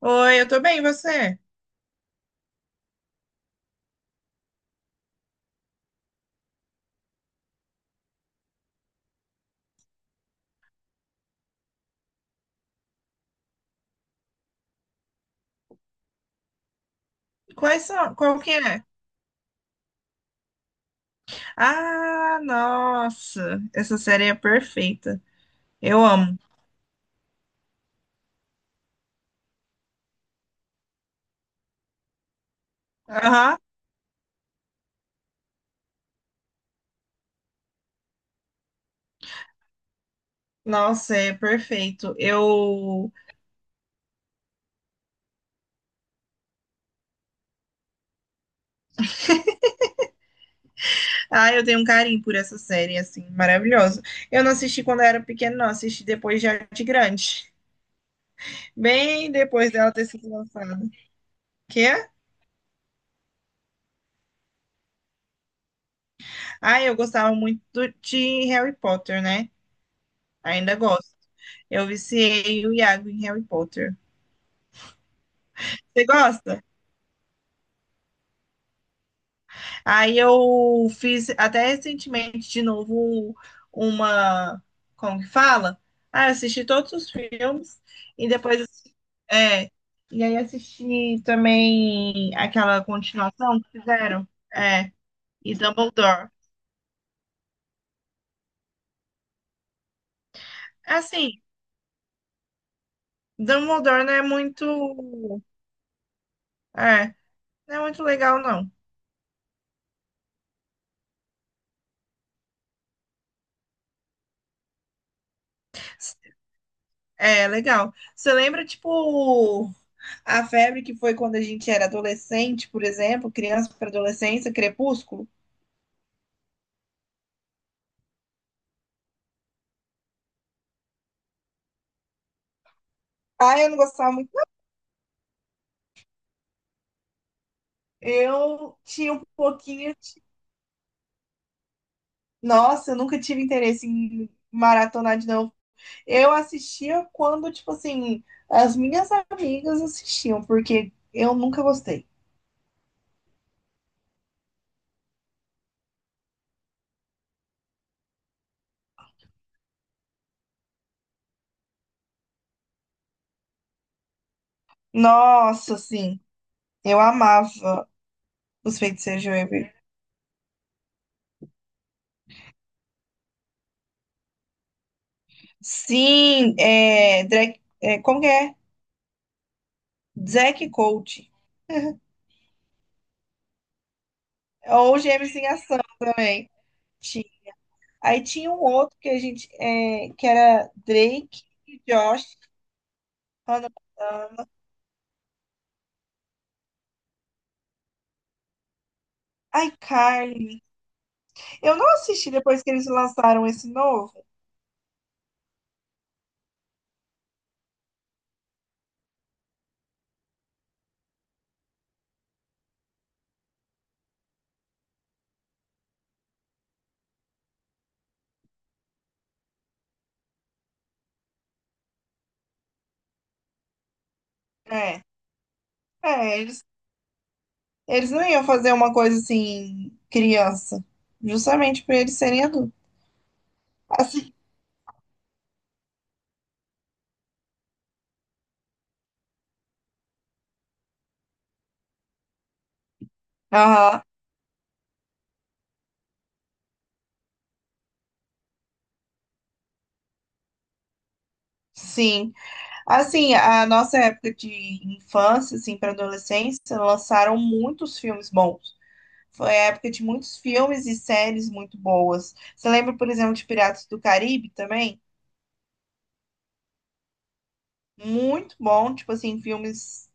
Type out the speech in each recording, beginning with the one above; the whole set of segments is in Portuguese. Oi, eu tô bem, e você? Quais são? Qual que é? Ah, nossa, essa série é perfeita. Eu amo. Aham. Nossa, é perfeito. Eu tenho um carinho por essa série, assim, maravilhosa. Eu não assisti quando eu era pequena, não, assisti depois já de grande, bem depois dela ter sido lançada. Que? Ah, eu gostava muito de Harry Potter, né? Ainda gosto. Eu viciei o Iago em Harry Potter. Você gosta? Aí eu fiz até recentemente de novo uma, como que fala? Ah, eu assisti todos os filmes e depois é, e aí assisti também aquela continuação que fizeram, é, e Dumbledore. Assim, Dumbledore não é muito, é, não é muito legal não. É, legal. Você lembra, tipo, a febre que foi quando a gente era adolescente, por exemplo, criança para adolescência, Crepúsculo? Ah, eu não gostava muito. Eu tinha um pouquinho. Nossa, eu nunca tive interesse em maratonar de novo. Eu assistia quando, tipo assim, as minhas amigas assistiam, porque eu nunca gostei. Nossa, assim, eu amava os feiticeiros de Waverly. Sim, é, Drake, é, como que é? Zack Coach. Ou Gêmeos em Ação também. Tinha. Aí tinha um outro que a gente, que era Drake e Josh. Hannah. Ai, Carly. Eu não assisti depois que eles lançaram esse novo. É. É, eles não iam fazer uma coisa assim, criança. Justamente por eles serem adultos. Assim. Aham. Sim. Assim, a nossa época de infância, assim, para adolescência, lançaram muitos filmes bons. Foi a época de muitos filmes e séries muito boas. Você lembra, por exemplo, de Piratas do Caribe também? Muito bom, tipo assim, filmes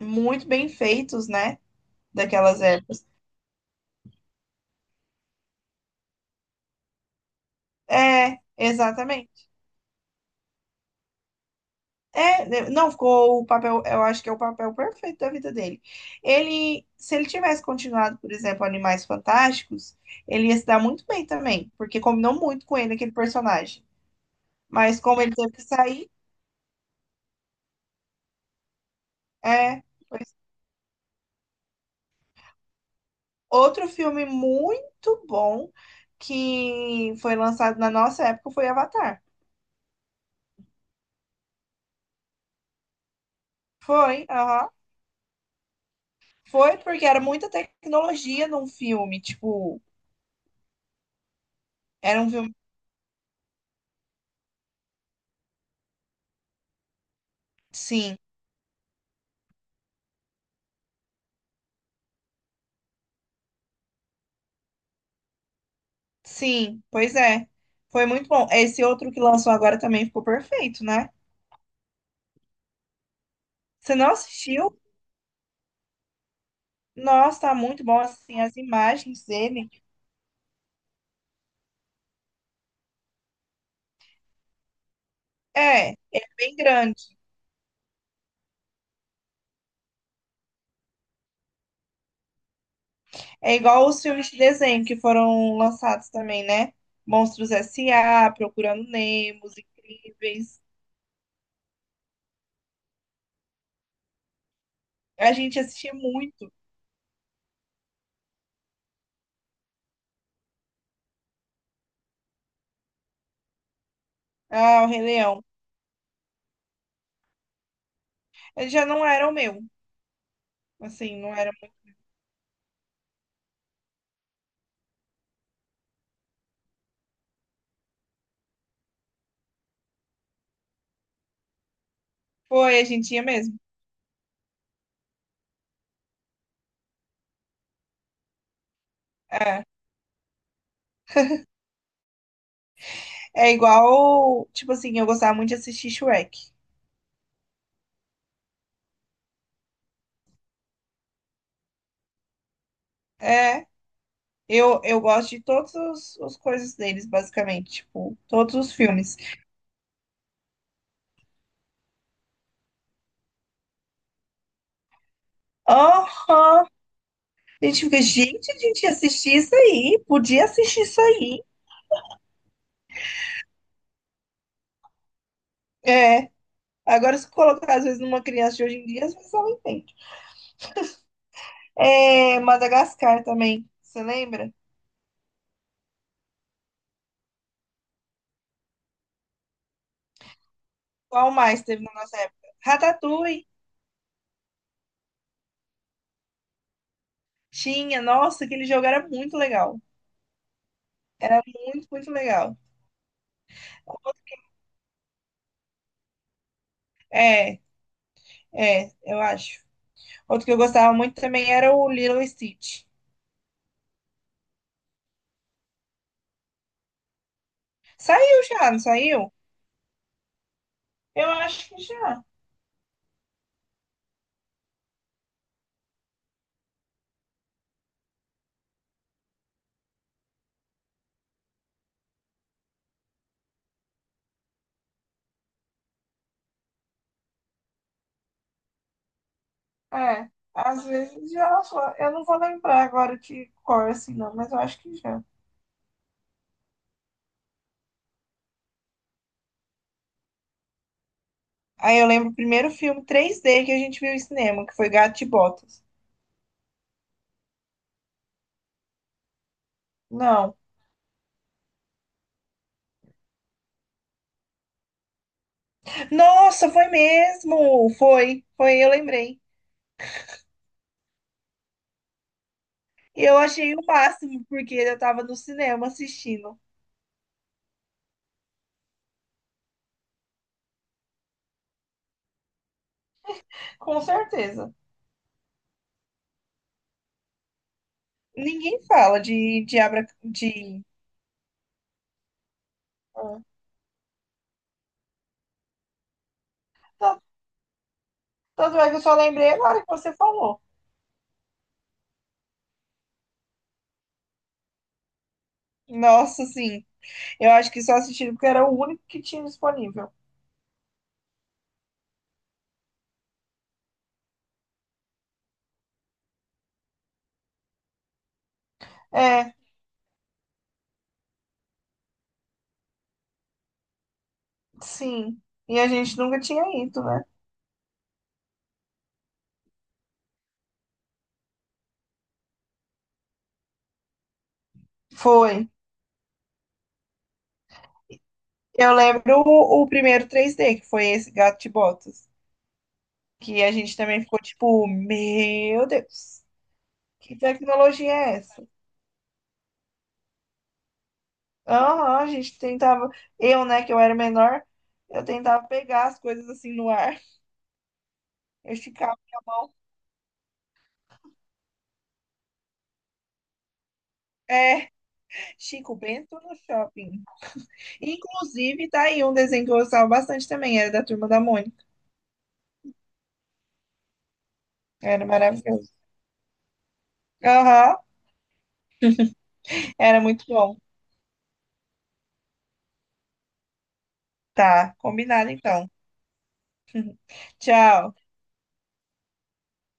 muito bem feitos, né? Daquelas épocas. É, exatamente. É, não ficou o papel, eu acho que é o papel perfeito da vida dele. Se ele tivesse continuado, por exemplo, Animais Fantásticos, ele ia se dar muito bem também, porque combinou muito com ele aquele personagem. Mas como ele teve que sair. é. pois- Outro filme muito bom que foi lançado na nossa época foi Avatar. Foi, aham. Foi porque era muita tecnologia num filme, tipo, era um filme, sim. Sim, pois é. Foi muito bom. Esse outro que lançou agora também ficou perfeito, né? Você não assistiu? Nossa, tá muito bom, assim, as imagens dele. É, é bem grande. É igual os filmes de desenho que foram lançados também, né? Monstros S.A., Procurando Nemo, Os Incríveis. A gente assistia muito. Ah, o Rei Leão. Ele já não era o meu. Assim, não era. Foi, a gente ia mesmo. É, é igual, tipo assim, eu gostava muito de assistir Shrek. É. Eu gosto de todas as coisas deles, basicamente. Tipo, todos os filmes. Aham! A gente fica, gente, a gente ia assistir isso aí. Podia assistir isso aí. É. Agora, se colocar, às vezes, numa criança de hoje em dia, às vezes ela entende. É, Madagascar também. Você lembra? Qual mais teve na nossa época? Ratatouille. Tinha. Nossa, aquele jogo era muito legal. Era muito, muito legal. É, é, eu acho. Outro que eu gostava muito também era o Lilo e Stitch. Saiu já, não saiu? Eu acho que já. É. Às vezes já só. Eu não vou lembrar agora de cor assim, não, mas eu acho que já. Aí eu lembro o primeiro filme 3D que a gente viu em cinema, que foi Gato de Botas. Não. Nossa, foi mesmo! Foi, foi, eu lembrei. Eu achei o máximo, porque eu tava no cinema assistindo. Com certeza. Ninguém fala de Abra. De... Ah. Tanto tanto é que eu só lembrei agora que você falou. Nossa, sim. Eu acho que só assistiram porque era o único que tinha disponível. É, sim. E a gente nunca tinha ido, né? Foi. Eu lembro o primeiro 3D, que foi esse Gato de Botas. Que a gente também ficou tipo, meu Deus, que tecnologia é essa? Aham, a gente tentava. Eu, né, que eu era menor, eu tentava pegar as coisas assim no ar. Eu esticava minha mão. É, Chico Bento no shopping. Inclusive, tá aí um desenho que eu gostava bastante também, era da Turma da Mônica. Era maravilhoso. Aham, era muito bom. Tá, combinado então. Tchau.